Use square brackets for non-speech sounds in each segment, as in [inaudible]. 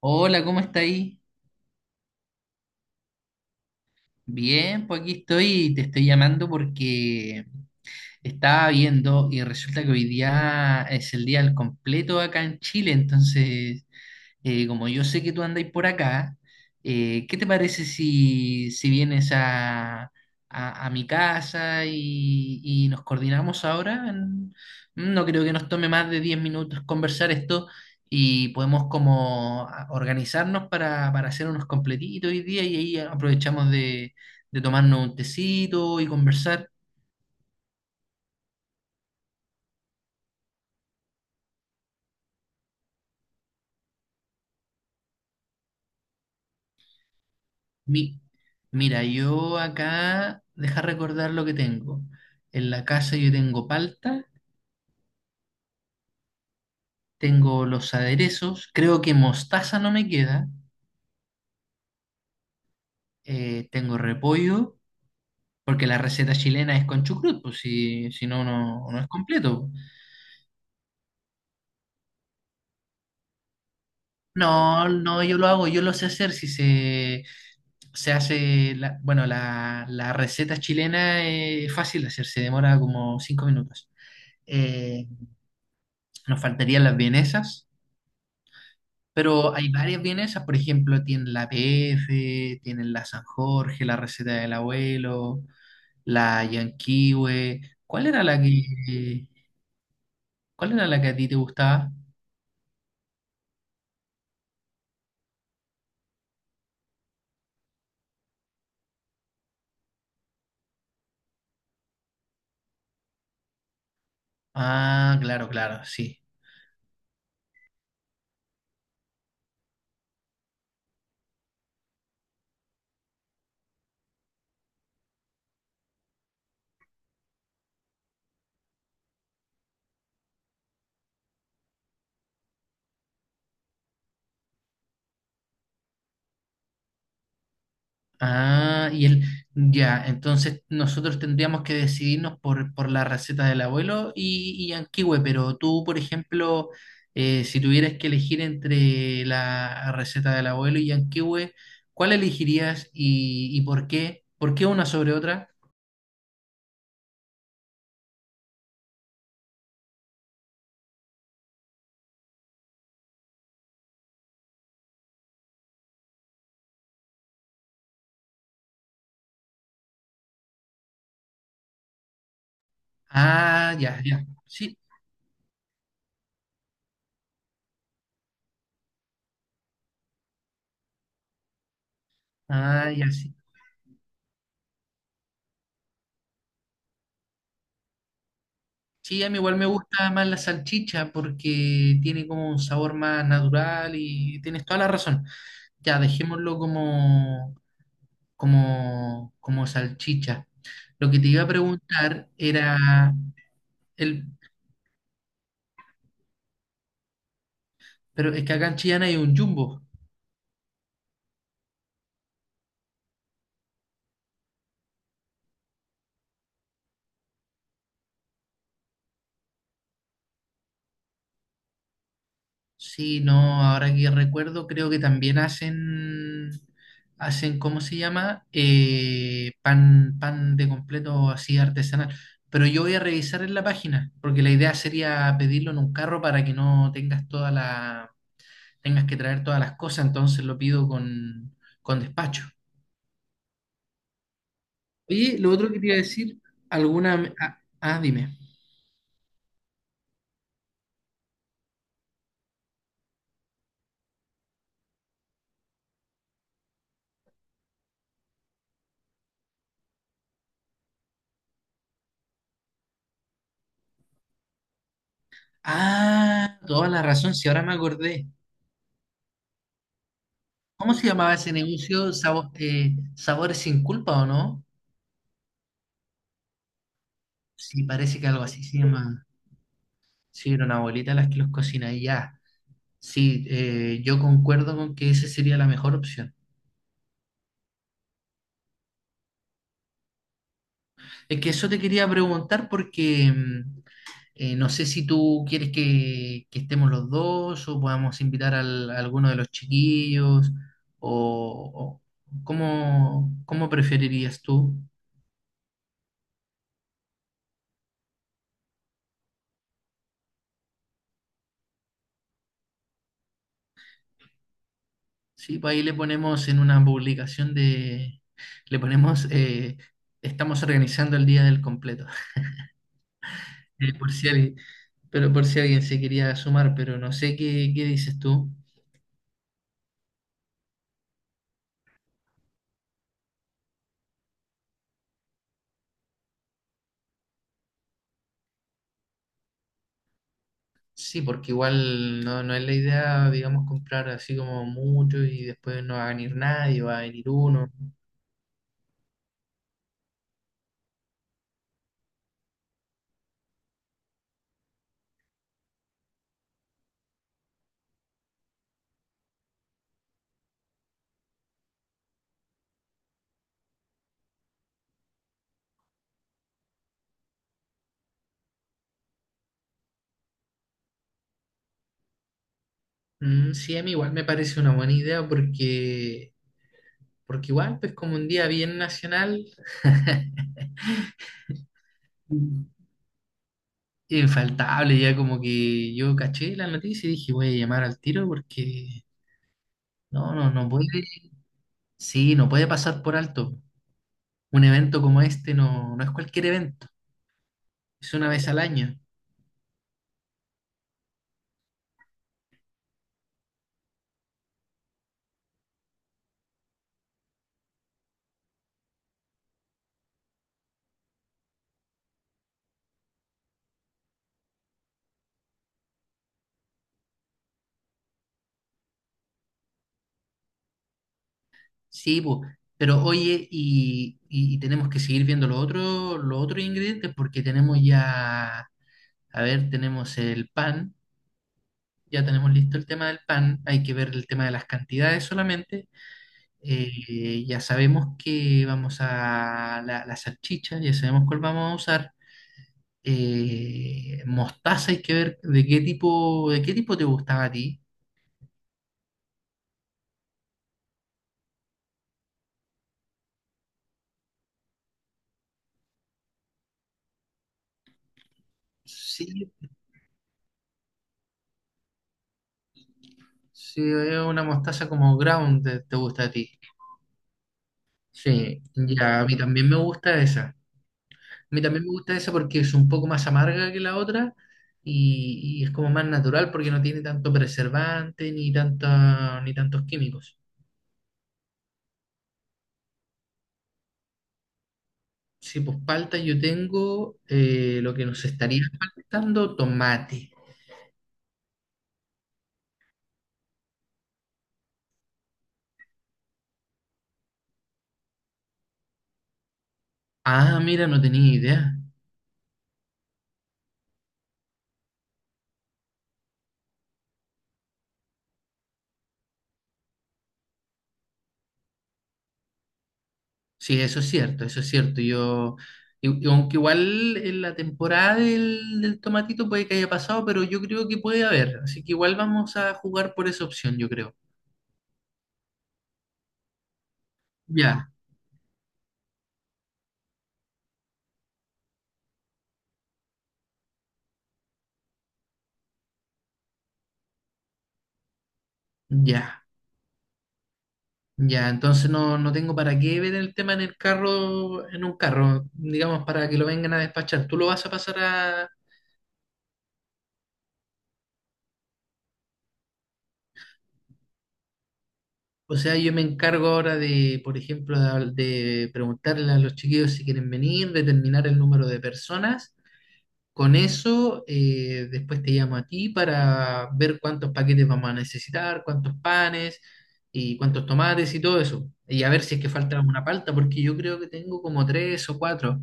Hola, ¿cómo está ahí? Bien, pues aquí estoy y te estoy llamando porque estaba viendo y resulta que hoy día es el día al completo acá en Chile. Entonces como yo sé que tú andáis por acá, ¿qué te parece si, si vienes a, a mi casa y nos coordinamos ahora? No creo que nos tome más de 10 minutos conversar esto y podemos como organizarnos para hacer unos completitos hoy día y ahí aprovechamos de tomarnos un tecito y conversar. Mi- Mira, yo acá, deja recordar lo que tengo. En la casa yo tengo palta, tengo los aderezos, creo que mostaza no me queda, tengo repollo, porque la receta chilena es con chucrut, pues si, si no, no, no es completo. No, no, yo lo hago, yo lo sé hacer, si se, se hace, bueno, la receta chilena es fácil de hacer, se demora como 5 minutos. Eh, nos faltarían las vienesas. Pero hay varias vienesas, por ejemplo, tienen la PF, tienen la San Jorge, la receta del abuelo, la Yanquiwe. ¿Cuál era la que, cuál era la que a ti te gustaba? Ah, claro, claro, sí. Ah, y él, ya, entonces nosotros tendríamos que decidirnos por la receta del abuelo y Yanquiwe. Pero tú, por ejemplo, si tuvieras que elegir entre la receta del abuelo y Yanquiwe, ¿cuál elegirías y por qué? ¿Por qué una sobre otra? Ah, ya, ya, sí. Ah, ya, sí. Sí, a mí igual me gusta más la salchicha porque tiene como un sabor más natural y tienes toda la razón. Ya, dejémoslo como, como, como salchicha. Lo que te iba a preguntar era el, pero es que acá en Chillán hay un Jumbo. Sí, no, ahora que recuerdo, creo que también hacen, hacen, ¿cómo se llama? Pan, pan de completo así artesanal. Pero yo voy a revisar en la página, porque la idea sería pedirlo en un carro para que no tengas toda la, tengas que traer todas las cosas. Entonces lo pido con despacho. Oye, lo otro que te iba a decir, alguna, dime. Ah, toda la razón, si ahora me acordé. ¿Cómo se llamaba ese negocio? Sabores sin culpa, ¿o no? Sí, parece que algo así se llama. Sí, era una abuelita las que los cocina y ya. Sí, yo concuerdo con que esa sería la mejor opción. Es que eso te quería preguntar porque no sé si tú quieres que estemos los dos o podamos invitar a alguno de los chiquillos o, o cómo, cómo preferirías tú. Sí, pues ahí le ponemos en una publicación de… Le ponemos… estamos organizando el día del completo. Por si alguien, pero por si alguien se quería sumar, pero no sé qué, qué dices tú. Sí, porque igual no, no es la idea, digamos, comprar así como mucho y después no va a venir nadie, va a venir uno. Mm, sí, a mí igual me parece una buena idea porque, porque igual, pues como un día bien nacional. [laughs] Infaltable, ya como que yo caché la noticia y dije, voy a llamar al tiro porque no, no, no puede, sí, no puede pasar por alto. Un evento como este no, no es cualquier evento, es una vez al año. Sí, po, pero oye, y, y tenemos que seguir viendo los otros ingredientes porque tenemos ya, a ver, tenemos el pan, ya tenemos listo el tema del pan, hay que ver el tema de las cantidades solamente. Ya sabemos que vamos a la, la salchicha, ya sabemos cuál vamos a usar. Mostaza hay que ver de qué tipo te gustaba a ti. Sí, sí, es una mostaza como ground te gusta a ti. Sí, ya, a mí también me gusta esa. A mí también me gusta esa porque es un poco más amarga que la otra y es como más natural porque no tiene tanto preservante ni tanta, ni tantos químicos. Sí, pues palta yo tengo. Lo que nos estaría faltando, tomate. Ah, mira, no tenía idea. Sí, eso es cierto, eso es cierto. Yo, y aunque igual en la temporada del, del tomatito puede que haya pasado, pero yo creo que puede haber. Así que igual vamos a jugar por esa opción, yo creo. Ya, ya, ya. Entonces no, no tengo para qué ver el tema en el carro, en un carro, digamos, para que lo vengan a despachar. Tú lo vas a pasar a… O sea, yo me encargo ahora de, por ejemplo, de preguntarle a los chiquillos si quieren venir, determinar el número de personas. Con eso, después te llamo a ti para ver cuántos paquetes vamos a necesitar, cuántos panes y cuántos tomates y todo eso. Y a ver si es que falta alguna palta, porque yo creo que tengo como tres o cuatro.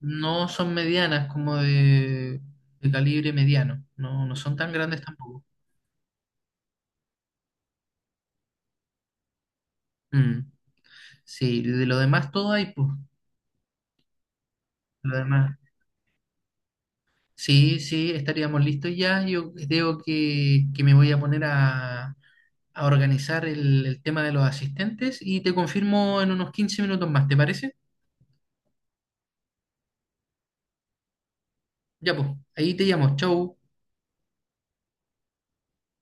No son medianas, como de calibre mediano. No, no son tan grandes tampoco. Mm, sí, de lo demás todo hay, pues. Lo demás. Sí, sí, estaríamos listos ya. Yo creo que me voy a poner a organizar el tema de los asistentes y te confirmo en unos 15 minutos más, ¿te parece? Ya pues, ahí te llamo. Chau.